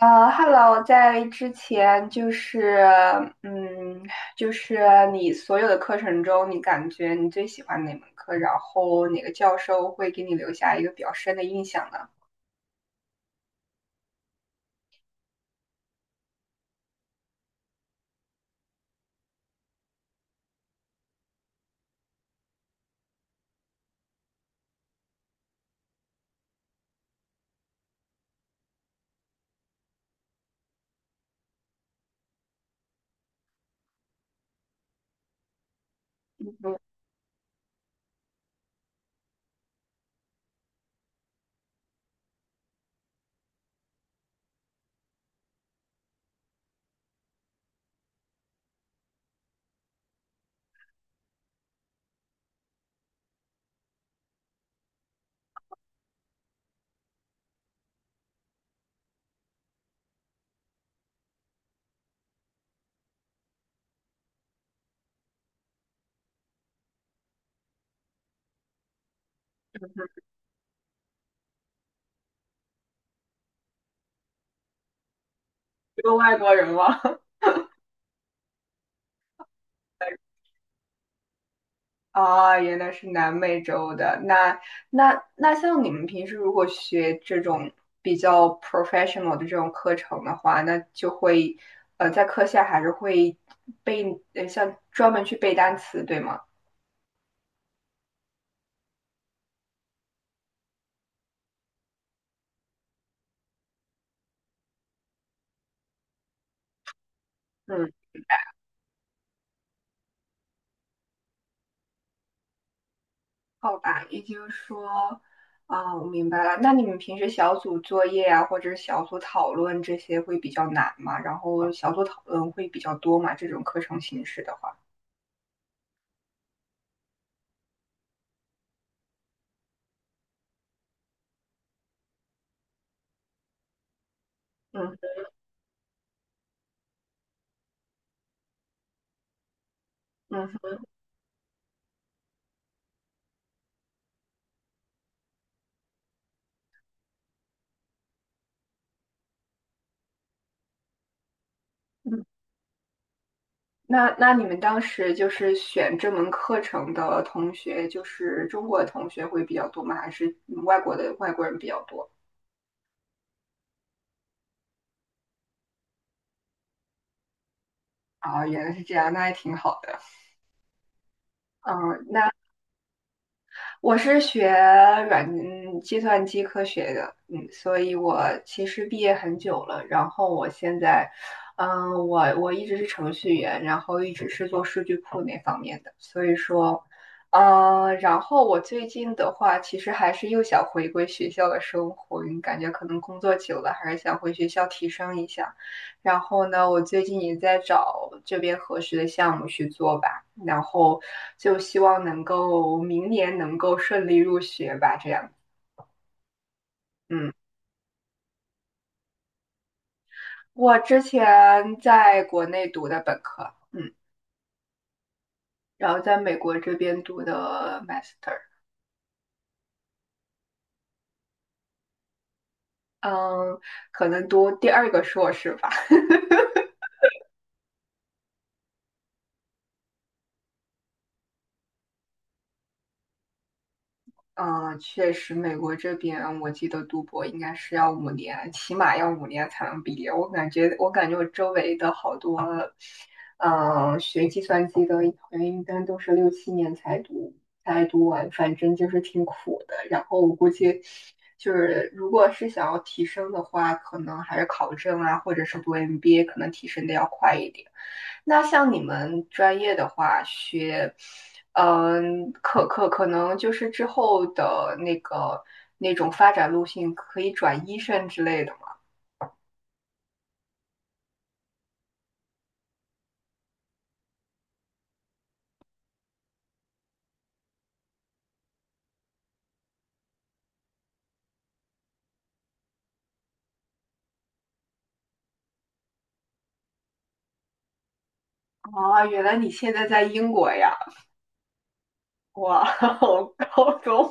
Hello，在之前嗯，就是你所有的课程中，你感觉你最喜欢哪门课？然后哪个教授会给你留下一个比较深的印象呢？嗯哼，一个外国人吗？啊，原来是南美洲的。那像你们平时如果学这种比较 professional 的这种课程的话，那就会在课下还是会像专门去背单词，对吗？嗯。好吧，也就是说，啊，我明白了。那你们平时小组作业啊，或者是小组讨论这些会比较难吗？然后小组讨论会比较多吗？这种课程形式的话，嗯嗯嗯。那你们当时就是选这门课程的同学，就是中国的同学会比较多吗？还是外国人比较多？啊，原来是这样，那还挺好的。嗯，那我是学计算机科学的，嗯，所以我其实毕业很久了。然后我现在，嗯，我一直是程序员，然后一直是做数据库那方面的。所以说，嗯，然后我最近的话，其实还是又想回归学校的生活，因为感觉可能工作久了，还是想回学校提升一下。然后呢，我最近也在找这边合适的项目去做吧，然后就希望能够明年能够顺利入学吧，这样。嗯，我之前在国内读的本科，嗯，然后在美国这边读的 master，嗯，可能读第二个硕士吧。嗯，确实，美国这边我记得读博应该是要五年，起码要五年才能毕业。我感觉我周围的好多，学计算机的，好像一般都是六七年才读完，反正就是挺苦的。然后我估计就是，如果是想要提升的话，可能还是考证啊，或者是读 MBA，可能提升的要快一点。那像你们专业的话，学，嗯，可能就是之后的那种发展路线可以转医生之类的嘛。啊，原来你现在在英国呀？哇，我高中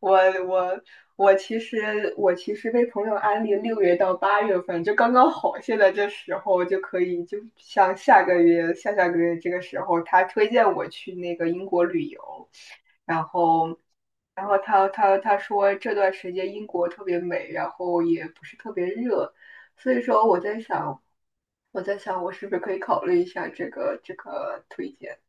我我我我其实被朋友安利6月到8月份就刚刚好，现在这时候就可以，就像下个月下下个月这个时候，他推荐我去那个英国旅游，然后他说这段时间英国特别美，然后也不是特别热，所以说我在想我是不是可以考虑一下这个推荐。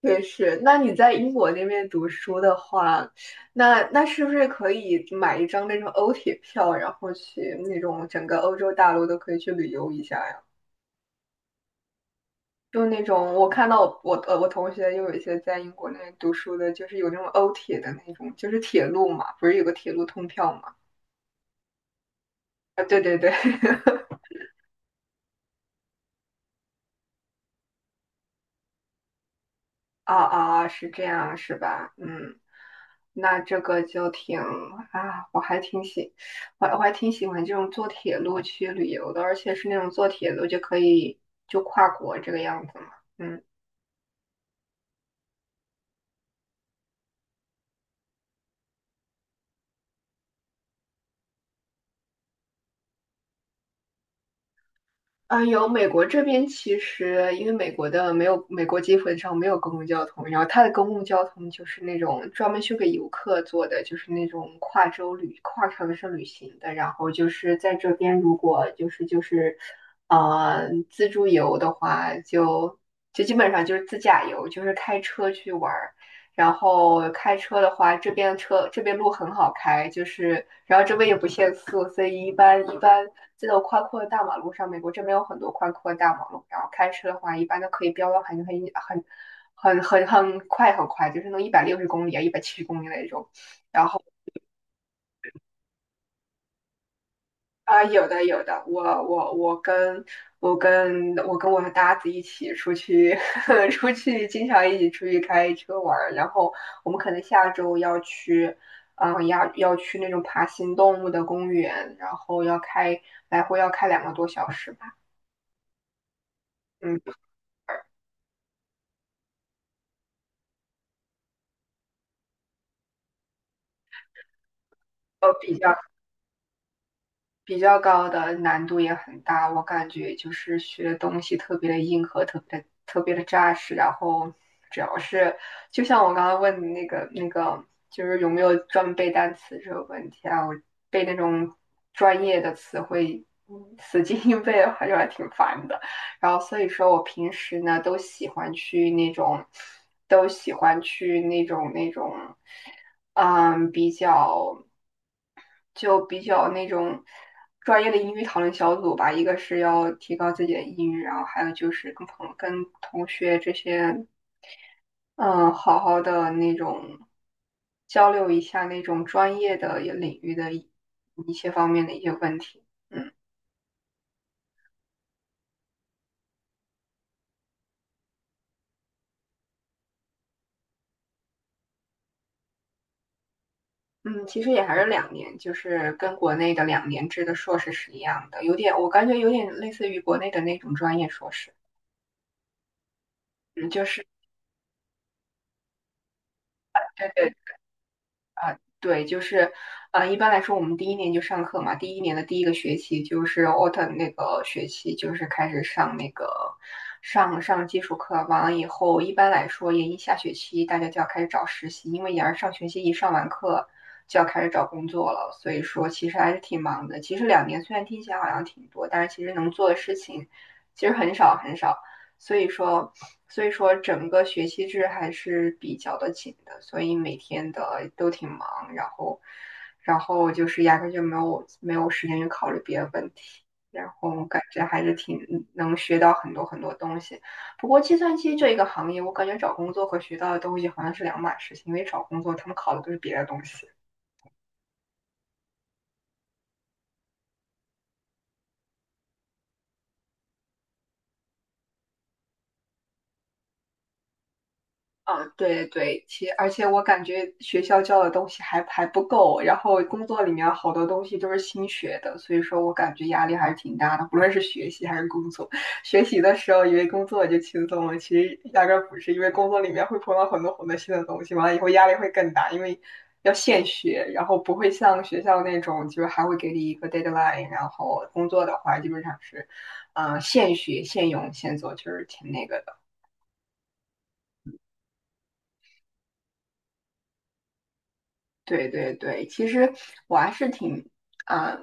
也是，那你在英国那边读书的话，那是不是可以买一张那种欧铁票，然后去那种整个欧洲大陆都可以去旅游一下呀？就那种我看到我同学又有一些在英国那边读书的，就是有那种欧铁的那种，就是铁路嘛，不是有个铁路通票嘛？啊，对对对，哦哦，是这样是吧？嗯，那这个就挺啊，我还挺喜，我我还挺喜欢这种坐铁路去旅游的，而且是那种坐铁路就可以跨国这个样子嘛。嗯。啊，有美国这边其实因为美国基本上没有公共交通，然后它的公共交通就是那种专门修给游客做的，就是那种跨城市旅行的。然后就是在这边，如果就是自助游的话就基本上就是自驾游，就是开车去玩。然后开车的话，这边路很好开，就是然后这边也不限速，所以一般这种宽阔的大马路上，美国这边有很多宽阔的大马路，然后开车的话，一般都可以飙到很快，就是能160公里啊，170公里那种。啊、有的有的，我跟我的搭子一起出去，出去经常一起出去开车玩儿，然后我们可能下周要去，要去那种爬行动物的公园，然后来回要开2个多小时吧，嗯，比较。比较高的难度也很大，我感觉就是学的东西特别的硬核，特别的扎实。然后主要是，就像我刚刚问你那个，就是有没有专门背单词这个问题啊？我背那种专业的词汇，嗯 死记硬背的话就还挺烦的。然后所以说我平时呢都喜欢去那种，都喜欢去那种那种，嗯，就比较那种专业的英语讨论小组吧，一个是要提高自己的英语，然后还有就是跟同学这些，嗯，好好的那种交流一下那种专业的领域的一些方面的一些问题。嗯嗯，其实也还是两年，就是跟国内的2年制的硕士是一样的，有点我感觉有点类似于国内的那种专业硕士。嗯，就是对对对，就是，一般来说，我们第一年就上课嘛，第一年的第一个学期就是 autumn 那个学期，就是开始上上基础课，完了以后，一般来说，研一下学期大家就要开始找实习，因为研二上学期一上完课就要开始找工作了，所以说其实还是挺忙的。其实两年虽然听起来好像挺多，但是其实能做的事情其实很少很少。所以说，所以说整个学期制还是比较的紧的，所以每天的都挺忙，然后，就是压根就没有时间去考虑别的问题，然后感觉还是挺能学到很多很多东西。不过计算机这一个行业，我感觉找工作和学到的东西好像是两码事情，因为找工作他们考的都是别的东西。啊，对对，而且我感觉学校教的东西还不够，然后工作里面好多东西都是新学的，所以说我感觉压力还是挺大的，不论是学习还是工作。学习的时候以为工作就轻松了，其实压根儿不是，因为工作里面会碰到很多很多新的东西，完了以后压力会更大，因为要现学，然后不会像学校那种就是还会给你一个 deadline，然后工作的话基本上是，现学现用现做，就是挺那个的。对对对，其实我还是啊、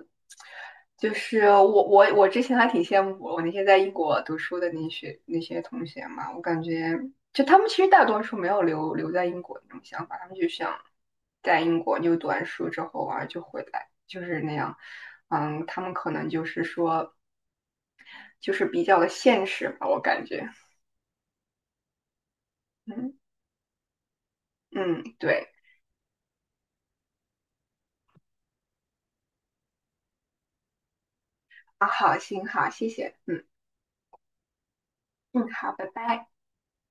就是我之前还挺羡慕我那些在英国读书的那些同学嘛，我感觉就他们其实大多数没有留在英国那种想法，他们就想在英国就读完书之后啊就回来，就是那样。嗯，他们可能就是说就是比较的现实吧，我感觉。嗯嗯，对啊，好，行好，谢谢。嗯嗯，好，拜拜。